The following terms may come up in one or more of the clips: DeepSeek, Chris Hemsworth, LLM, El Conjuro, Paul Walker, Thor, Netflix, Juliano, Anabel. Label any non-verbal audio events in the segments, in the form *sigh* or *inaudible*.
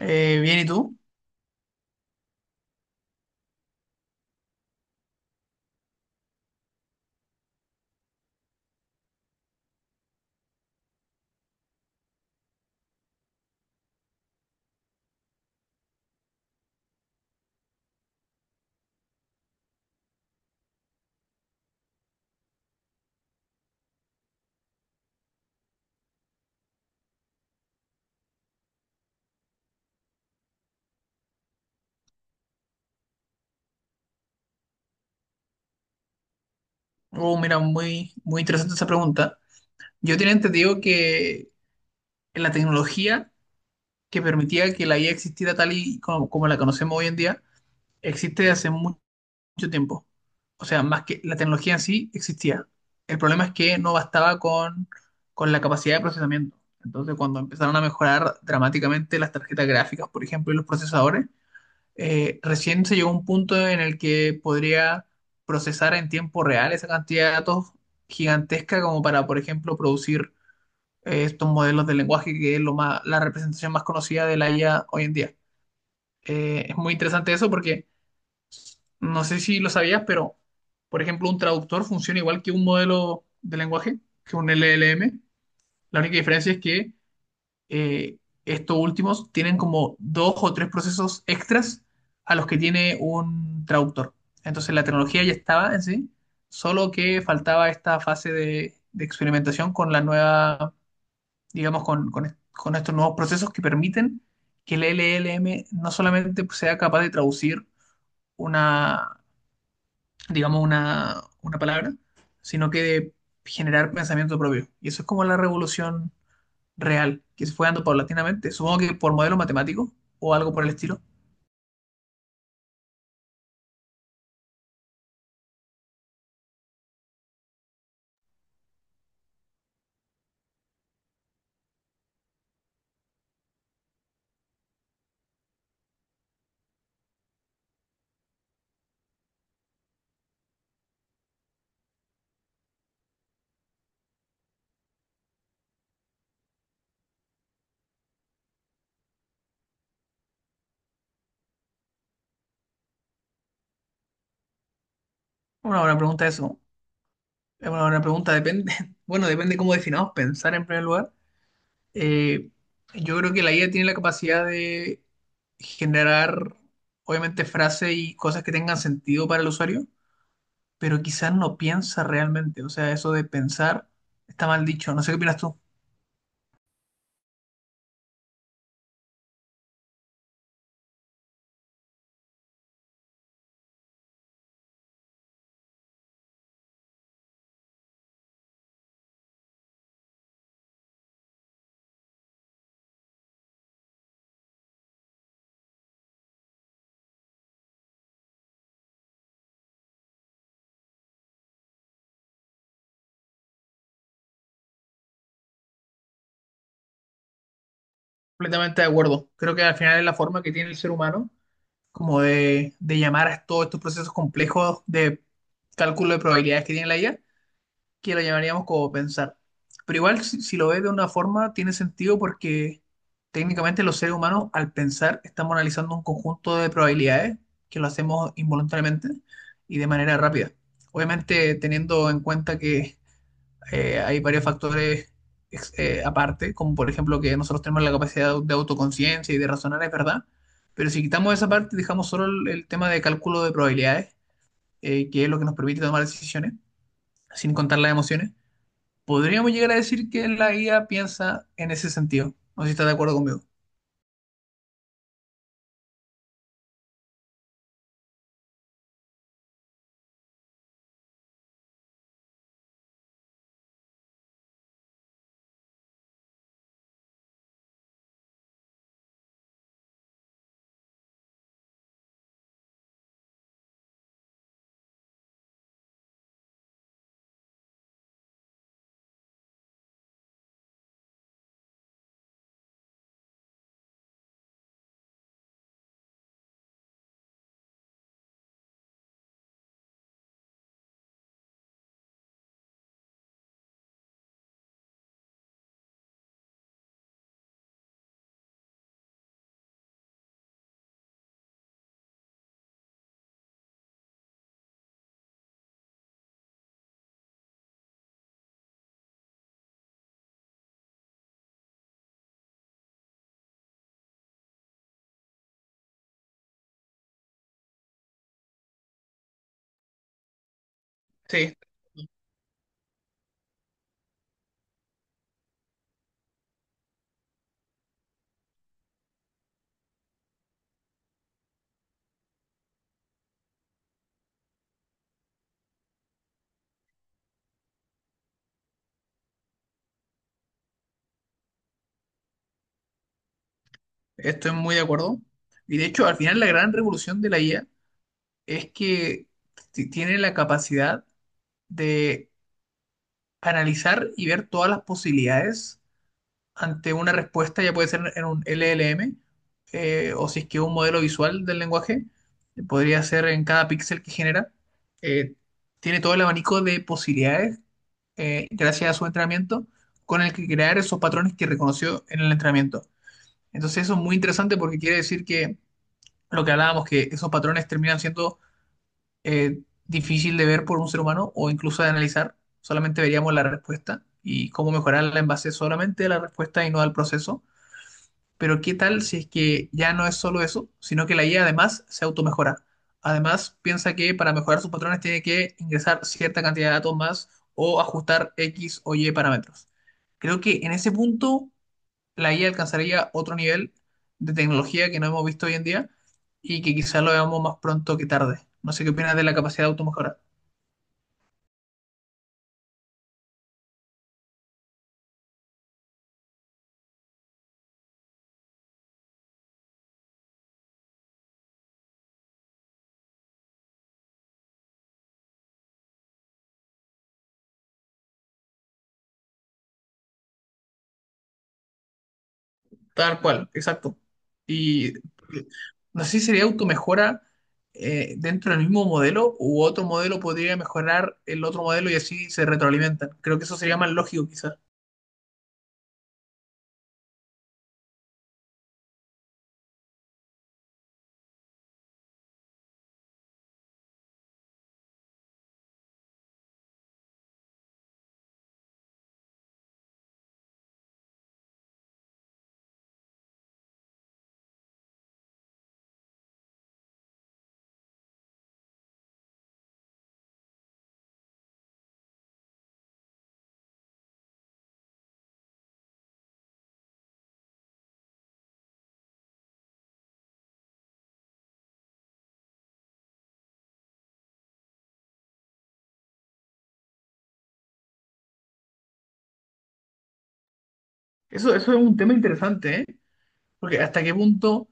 Bien, ¿y tú? Oh, mira, muy, muy interesante esa pregunta. Yo tenía entendido que la tecnología que permitía que la IA existiera tal y como, como la conocemos hoy en día, existe mucho tiempo. O sea, más que la tecnología en sí existía. El problema es que no bastaba con la capacidad de procesamiento. Entonces, cuando empezaron a mejorar dramáticamente las tarjetas gráficas, por ejemplo, y los procesadores, recién se llegó a un punto en el que podría procesar en tiempo real esa cantidad de datos gigantesca como para, por ejemplo, producir estos modelos de lenguaje que es lo más, la representación más conocida de la IA hoy en día. Es muy interesante eso porque no sé si lo sabías, pero, por ejemplo, un traductor funciona igual que un modelo de lenguaje, que un LLM. La única diferencia es que eh, estos últimos tienen como dos o tres procesos extras a los que tiene un traductor. Entonces la tecnología ya estaba en sí, solo que faltaba esta fase de experimentación con la nueva, digamos, con estos nuevos procesos que permiten que el LLM no solamente sea capaz de traducir una, digamos, una palabra, sino que de generar pensamiento propio. Y eso es como la revolución real que se fue dando paulatinamente. Supongo que por modelos matemáticos o algo por el estilo. Una buena pregunta eso. Es una buena pregunta, depende. *laughs* Bueno, depende cómo definamos pensar en primer lugar. Eh, yo creo que la IA tiene la capacidad de generar, obviamente, frases y cosas que tengan sentido para el usuario, pero quizás no piensa realmente. O sea, eso de pensar está mal dicho. No sé qué opinas tú. Completamente de acuerdo. Creo que al final es la forma que tiene el ser humano como de llamar a todos estos procesos complejos de cálculo de probabilidades que tiene la IA, que lo llamaríamos como pensar. Pero igual, si lo ves de una forma, tiene sentido porque técnicamente los seres humanos, al pensar, estamos analizando un conjunto de probabilidades que lo hacemos involuntariamente y de manera rápida. Obviamente, teniendo en cuenta que hay varios factores aparte, como por ejemplo que nosotros tenemos la capacidad de autoconciencia y de razonar, es verdad, pero si quitamos esa parte y dejamos solo el tema de cálculo de probabilidades, que es lo que nos permite tomar decisiones, sin contar las emociones, podríamos llegar a decir que la guía piensa en ese sentido. No sé si estás de acuerdo conmigo. Sí, estoy muy de acuerdo. Y de hecho, al final la gran revolución de la IA es que tiene la capacidad de analizar y ver todas las posibilidades ante una respuesta, ya puede ser en un LLM, o si es que un modelo visual del lenguaje, podría ser en cada píxel que genera. eh, Tiene todo el abanico de posibilidades, gracias a su entrenamiento, con el que crear esos patrones que reconoció en el entrenamiento. Entonces eso es muy interesante porque quiere decir que lo que hablábamos, que esos patrones terminan siendo eh, difícil de ver por un ser humano o incluso de analizar. Solamente veríamos la respuesta y cómo mejorarla en base solamente a la respuesta y no al proceso. Pero ¿qué tal si es que ya no es solo eso, sino que la IA además se automejora? Además, piensa que para mejorar sus patrones tiene que ingresar cierta cantidad de datos más o ajustar X o Y parámetros. Creo que en ese punto la IA alcanzaría otro nivel de tecnología que no hemos visto hoy en día y que quizás lo veamos más pronto que tarde. No sé qué opinas de la capacidad de automejora. Tal cual, exacto. Y no sé si sería automejora dentro del mismo modelo u otro modelo podría mejorar el otro modelo y así se retroalimentan. Creo que eso sería más lógico quizás. Eso es un tema interesante, ¿eh? Porque hasta qué punto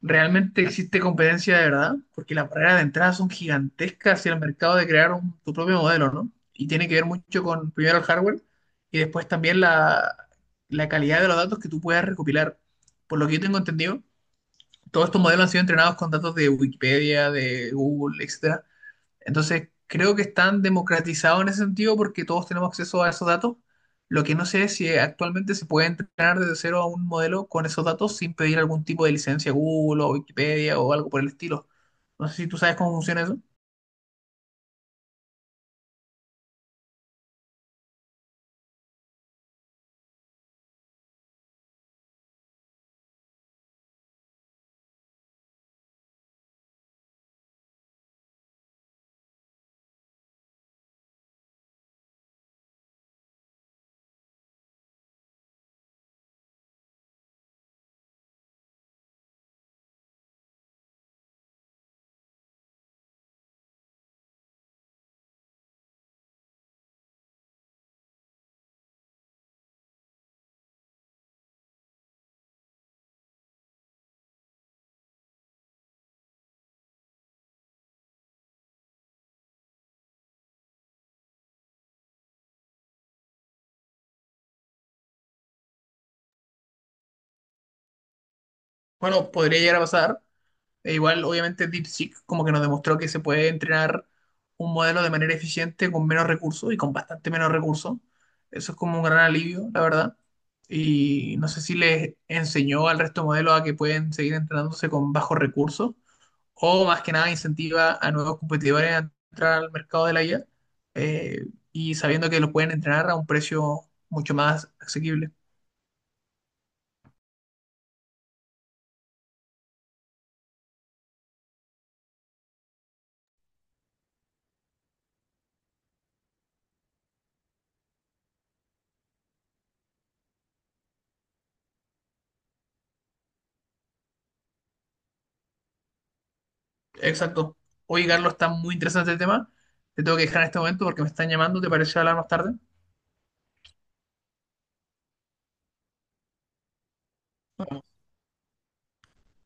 realmente existe competencia de verdad, porque las barreras de entrada son gigantescas hacia el mercado de crear tu propio modelo, ¿no? Y tiene que ver mucho con primero el hardware y después también la calidad de los datos que tú puedas recopilar. Por lo que yo tengo entendido, todos estos modelos han sido entrenados con datos de Wikipedia, de Google, etcétera. Entonces, creo que están democratizados en ese sentido porque todos tenemos acceso a esos datos. Lo que no sé es si actualmente se puede entrenar desde cero a un modelo con esos datos sin pedir algún tipo de licencia a Google o Wikipedia o algo por el estilo. No sé si tú sabes cómo funciona eso. Bueno, podría llegar a pasar, e igual, obviamente, DeepSeek como que nos demostró que se puede entrenar un modelo de manera eficiente con menos recursos y con bastante menos recursos. Eso es como un gran alivio, la verdad. Y no sé si les enseñó al resto de modelos a que pueden seguir entrenándose con bajos recursos o más que nada incentiva a nuevos competidores a entrar al mercado de la IA eh, y sabiendo que lo pueden entrenar a un precio mucho más asequible. Exacto. Oye, Carlos, está muy interesante el tema. Te tengo que dejar en este momento porque me están llamando. ¿Te parece hablar más tarde?